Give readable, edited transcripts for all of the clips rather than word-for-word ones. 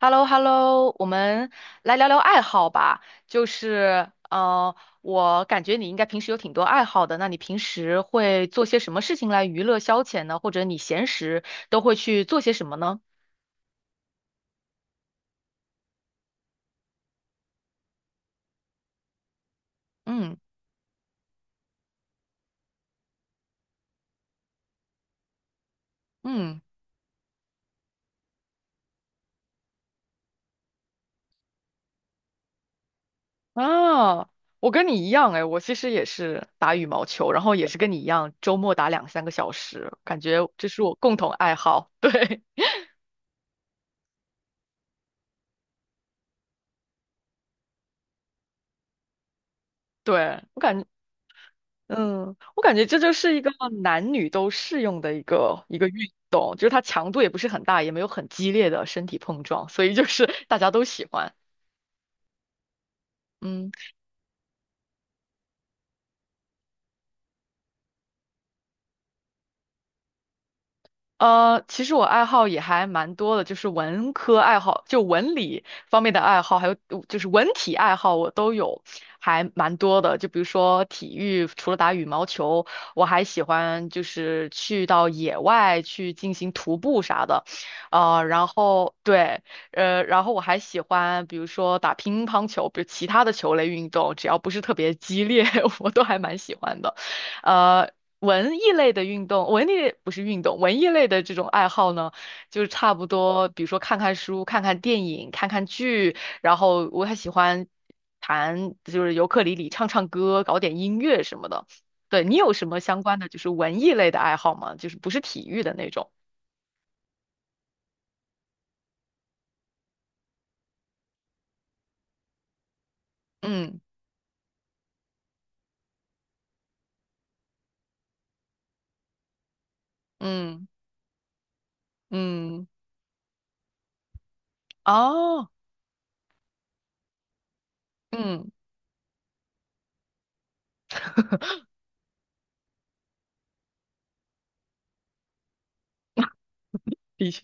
h e l l o h e l l o 我们来聊聊爱好吧。就是，我感觉你应该平时有挺多爱好的。那你平时会做些什么事情来娱乐消遣呢？或者你闲时都会去做些什么呢？嗯嗯啊，我跟你一样哎，我其实也是打羽毛球，然后也是跟你一样，周末打两三个小时，感觉这是我共同爱好。对对，我感觉。嗯，我感觉这就是一个男女都适用的一个运动，就是它强度也不是很大，也没有很激烈的身体碰撞，所以就是大家都喜欢。嗯。其实我爱好也还蛮多的，就是文科爱好，就文理方面的爱好，还有就是文体爱好，我都有，还蛮多的。就比如说体育，除了打羽毛球，我还喜欢就是去到野外去进行徒步啥的，然后对，然后我还喜欢比如说打乒乓球，比如其他的球类运动，只要不是特别激烈，我都还蛮喜欢的。呃，文艺类的运动，文艺不是运动，文艺类的这种爱好呢，就是差不多，比如说看看书、看看电影、看看剧，然后我还喜欢弹，就是尤克里里、唱唱歌、搞点音乐什么的。对，你有什么相关的就是文艺类的爱好吗？就是不是体育的那种？嗯嗯嗯，哦，嗯，的确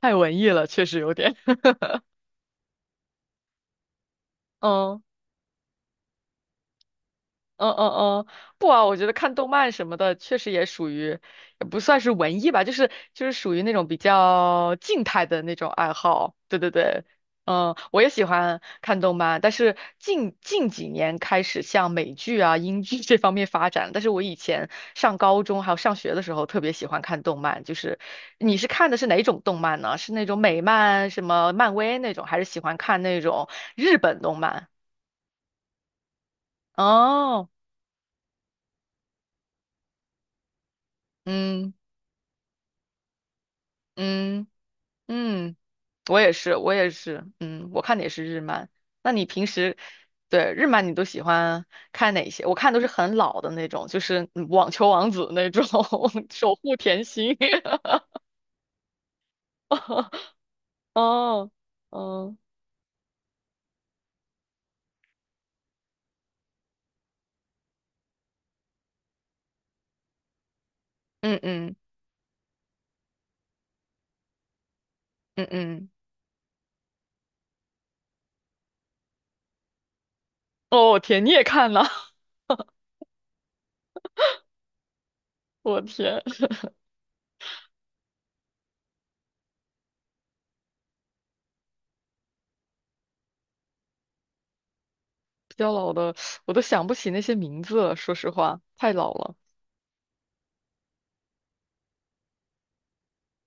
太文艺了，确实有点，嗯。嗯嗯嗯，不啊，我觉得看动漫什么的，确实也属于，也不算是文艺吧，就是属于那种比较静态的那种爱好。对对对，嗯，我也喜欢看动漫，但是近几年开始向美剧啊、英剧 这方面发展。但是我以前上高中还有上学的时候，特别喜欢看动漫。就是你是看的是哪种动漫呢？是那种美漫、什么漫威那种，还是喜欢看那种日本动漫？哦，嗯嗯。嗯，我也是，嗯，我看的也是日漫。那你平时对日漫你都喜欢看哪些？我看都是很老的那种，就是嗯网球王子那种，守护甜心。哦，哦，嗯嗯嗯嗯，哦，我天，你也看了？我天，比较老的我都想不起那些名字了，说实话，太老了，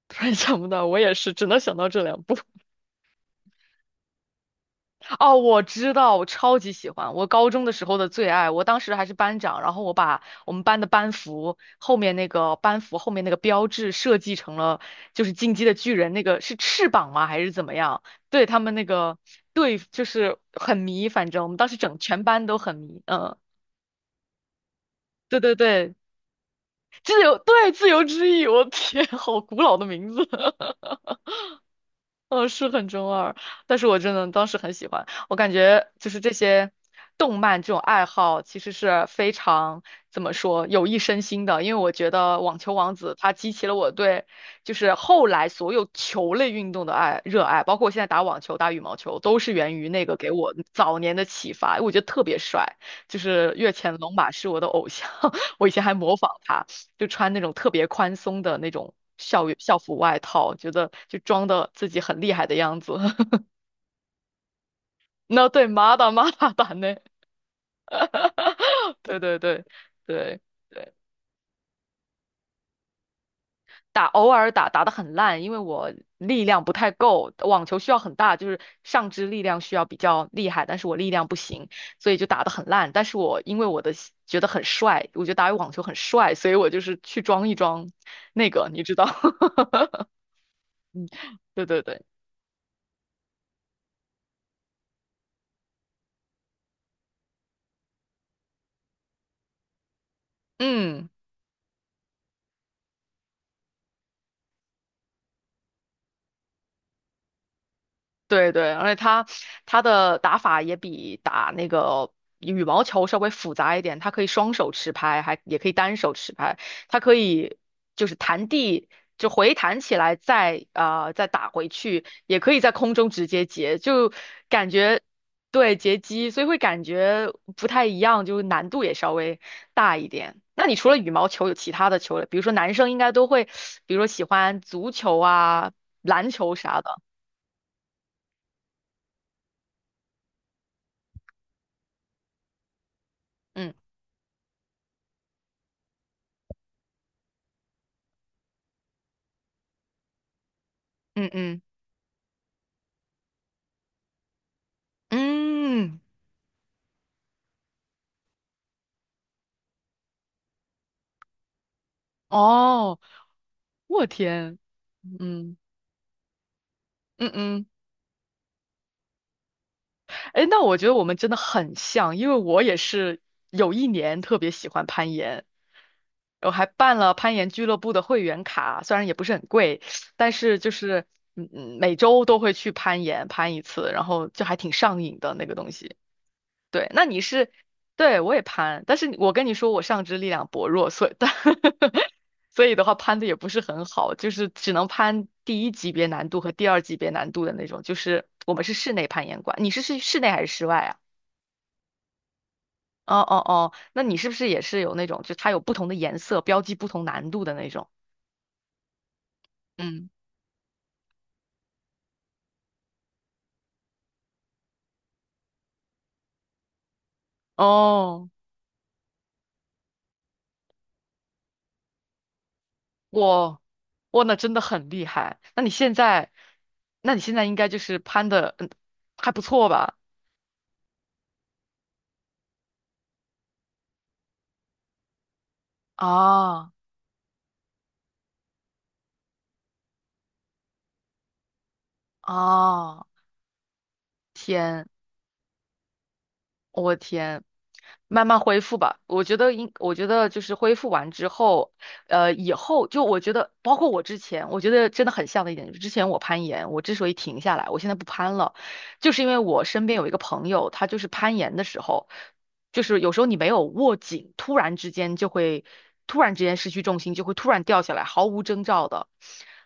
突然想不到。我也是，只能想到这两部。哦，我知道，我超级喜欢，我高中的时候的最爱，我当时还是班长，然后我把我们班的班服后面那个班服后面那个标志设计成了就是进击的巨人那个是翅膀吗还是怎么样？对他们那个对就是很迷，反正我们当时整全班都很迷，嗯，对对对，自由之翼，我天，好古老的名字，是很中二，但是我真的当时很喜欢。我感觉就是这些动漫这种爱好，其实是非常怎么说有益身心的。因为我觉得《网球王子》它激起了我对就是后来所有球类运动的热爱，包括我现在打网球、打羽毛球，都是源于那个给我早年的启发。我觉得特别帅，就是越前龙马是我的偶像，我以前还模仿他。就穿那种特别宽松的那种校园校服外套，觉得就装的自己很厉害的样子。那对，马打马打打呢？对对对对对，偶尔打打的很烂，因为我力量不太够，网球需要很大，就是上肢力量需要比较厉害，但是我力量不行，所以就打的很烂。但是我因为我的觉得很帅，我觉得打网球很帅，所以我就是去装一装那个，你知道？对对对，嗯。对对，而且它的打法也比打那个羽毛球稍微复杂一点，它可以双手持拍，还也可以单手持拍，它可以就是弹地就回弹起来再打回去，也可以在空中直接截，就感觉对截击，所以会感觉不太一样，就是难度也稍微大一点。那你除了羽毛球有其他的球类，比如说男生应该都会，比如说喜欢足球啊、篮球啥的，嗯嗯嗯。嗯，哦，我天，嗯嗯嗯，哎，那我觉得我们真的很像，因为我也是有一年特别喜欢攀岩，我还办了攀岩俱乐部的会员卡，虽然也不是很贵，但是就是嗯嗯，每周都会去攀岩，攀一次，然后就还挺上瘾的那个东西。对，那你是，对，我也攀，但是我跟你说，我上肢力量薄弱，所以，但 所以的话，攀的也不是很好，就是只能攀第一级别难度和第二级别难度的那种。就是我们是室内攀岩馆，你是室内还是室外啊？哦哦哦，那你是不是也是有那种，就它有不同的颜色，标记不同难度的那种？嗯，哦，我，那真的很厉害。那你现在，那你现在应该就是攀的，嗯，还不错吧？啊。哦天，我天，慢慢恢复吧。我觉得就是恢复完之后，以后就我觉得，包括我之前，我觉得真的很像的一点，就是之前我攀岩，我之所以停下来，我现在不攀了，就是因为我身边有一个朋友，他就是攀岩的时候，就是有时候你没有握紧，突然之间就会，突然之间失去重心，就会突然掉下来，毫无征兆的。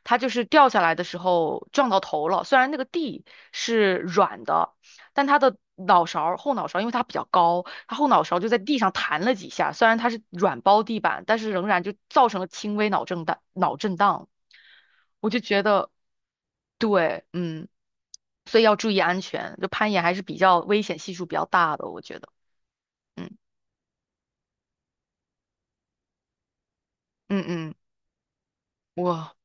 他就是掉下来的时候撞到头了，虽然那个地是软的。但他的脑勺后脑勺，因为他比较高，他后脑勺就在地上弹了几下。虽然他是软包地板，但是仍然就造成了轻微脑震荡。脑震荡，我就觉得，对，嗯，所以要注意安全。就攀岩还是比较危险系数比较大的，我觉得，嗯嗯嗯，哇。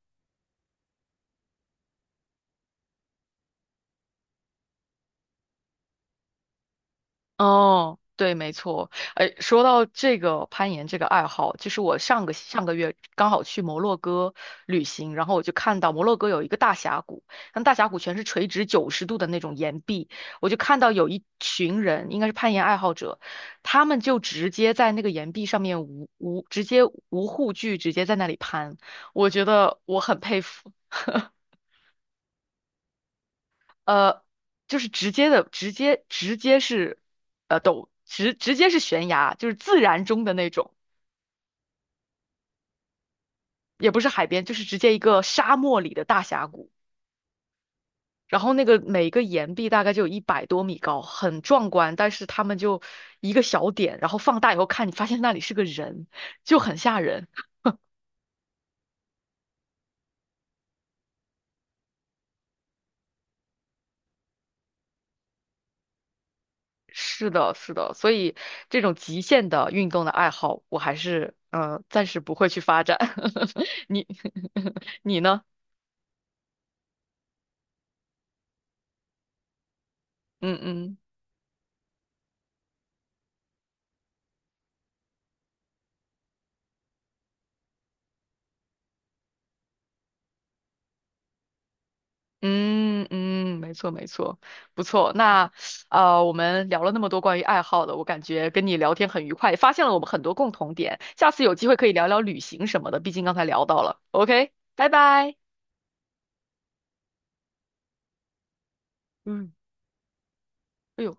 哦，对，没错。哎，说到这个攀岩这个爱好，就是我上个月刚好去摩洛哥旅行，然后我就看到摩洛哥有一个大峡谷，那大峡谷全是垂直90度的那种岩壁，我就看到有一群人，应该是攀岩爱好者，他们就直接在那个岩壁上面无护具，直接在那里攀，我觉得我很佩服。呃，就是直接的，直接是，陡直直接是悬崖，就是自然中的那种，也不是海边，就是直接一个沙漠里的大峡谷。然后那个每个岩壁大概就有100多米高，很壮观。但是他们就一个小点，然后放大以后看，你发现那里是个人，就很吓人。是的，是的，所以这种极限的运动的爱好，我还是暂时不会去发展。你 你呢？嗯嗯。嗯嗯，没错没错，不错。那我们聊了那么多关于爱好的，我感觉跟你聊天很愉快，也发现了我们很多共同点。下次有机会可以聊聊旅行什么的，毕竟刚才聊到了。OK，拜拜。嗯。哎呦。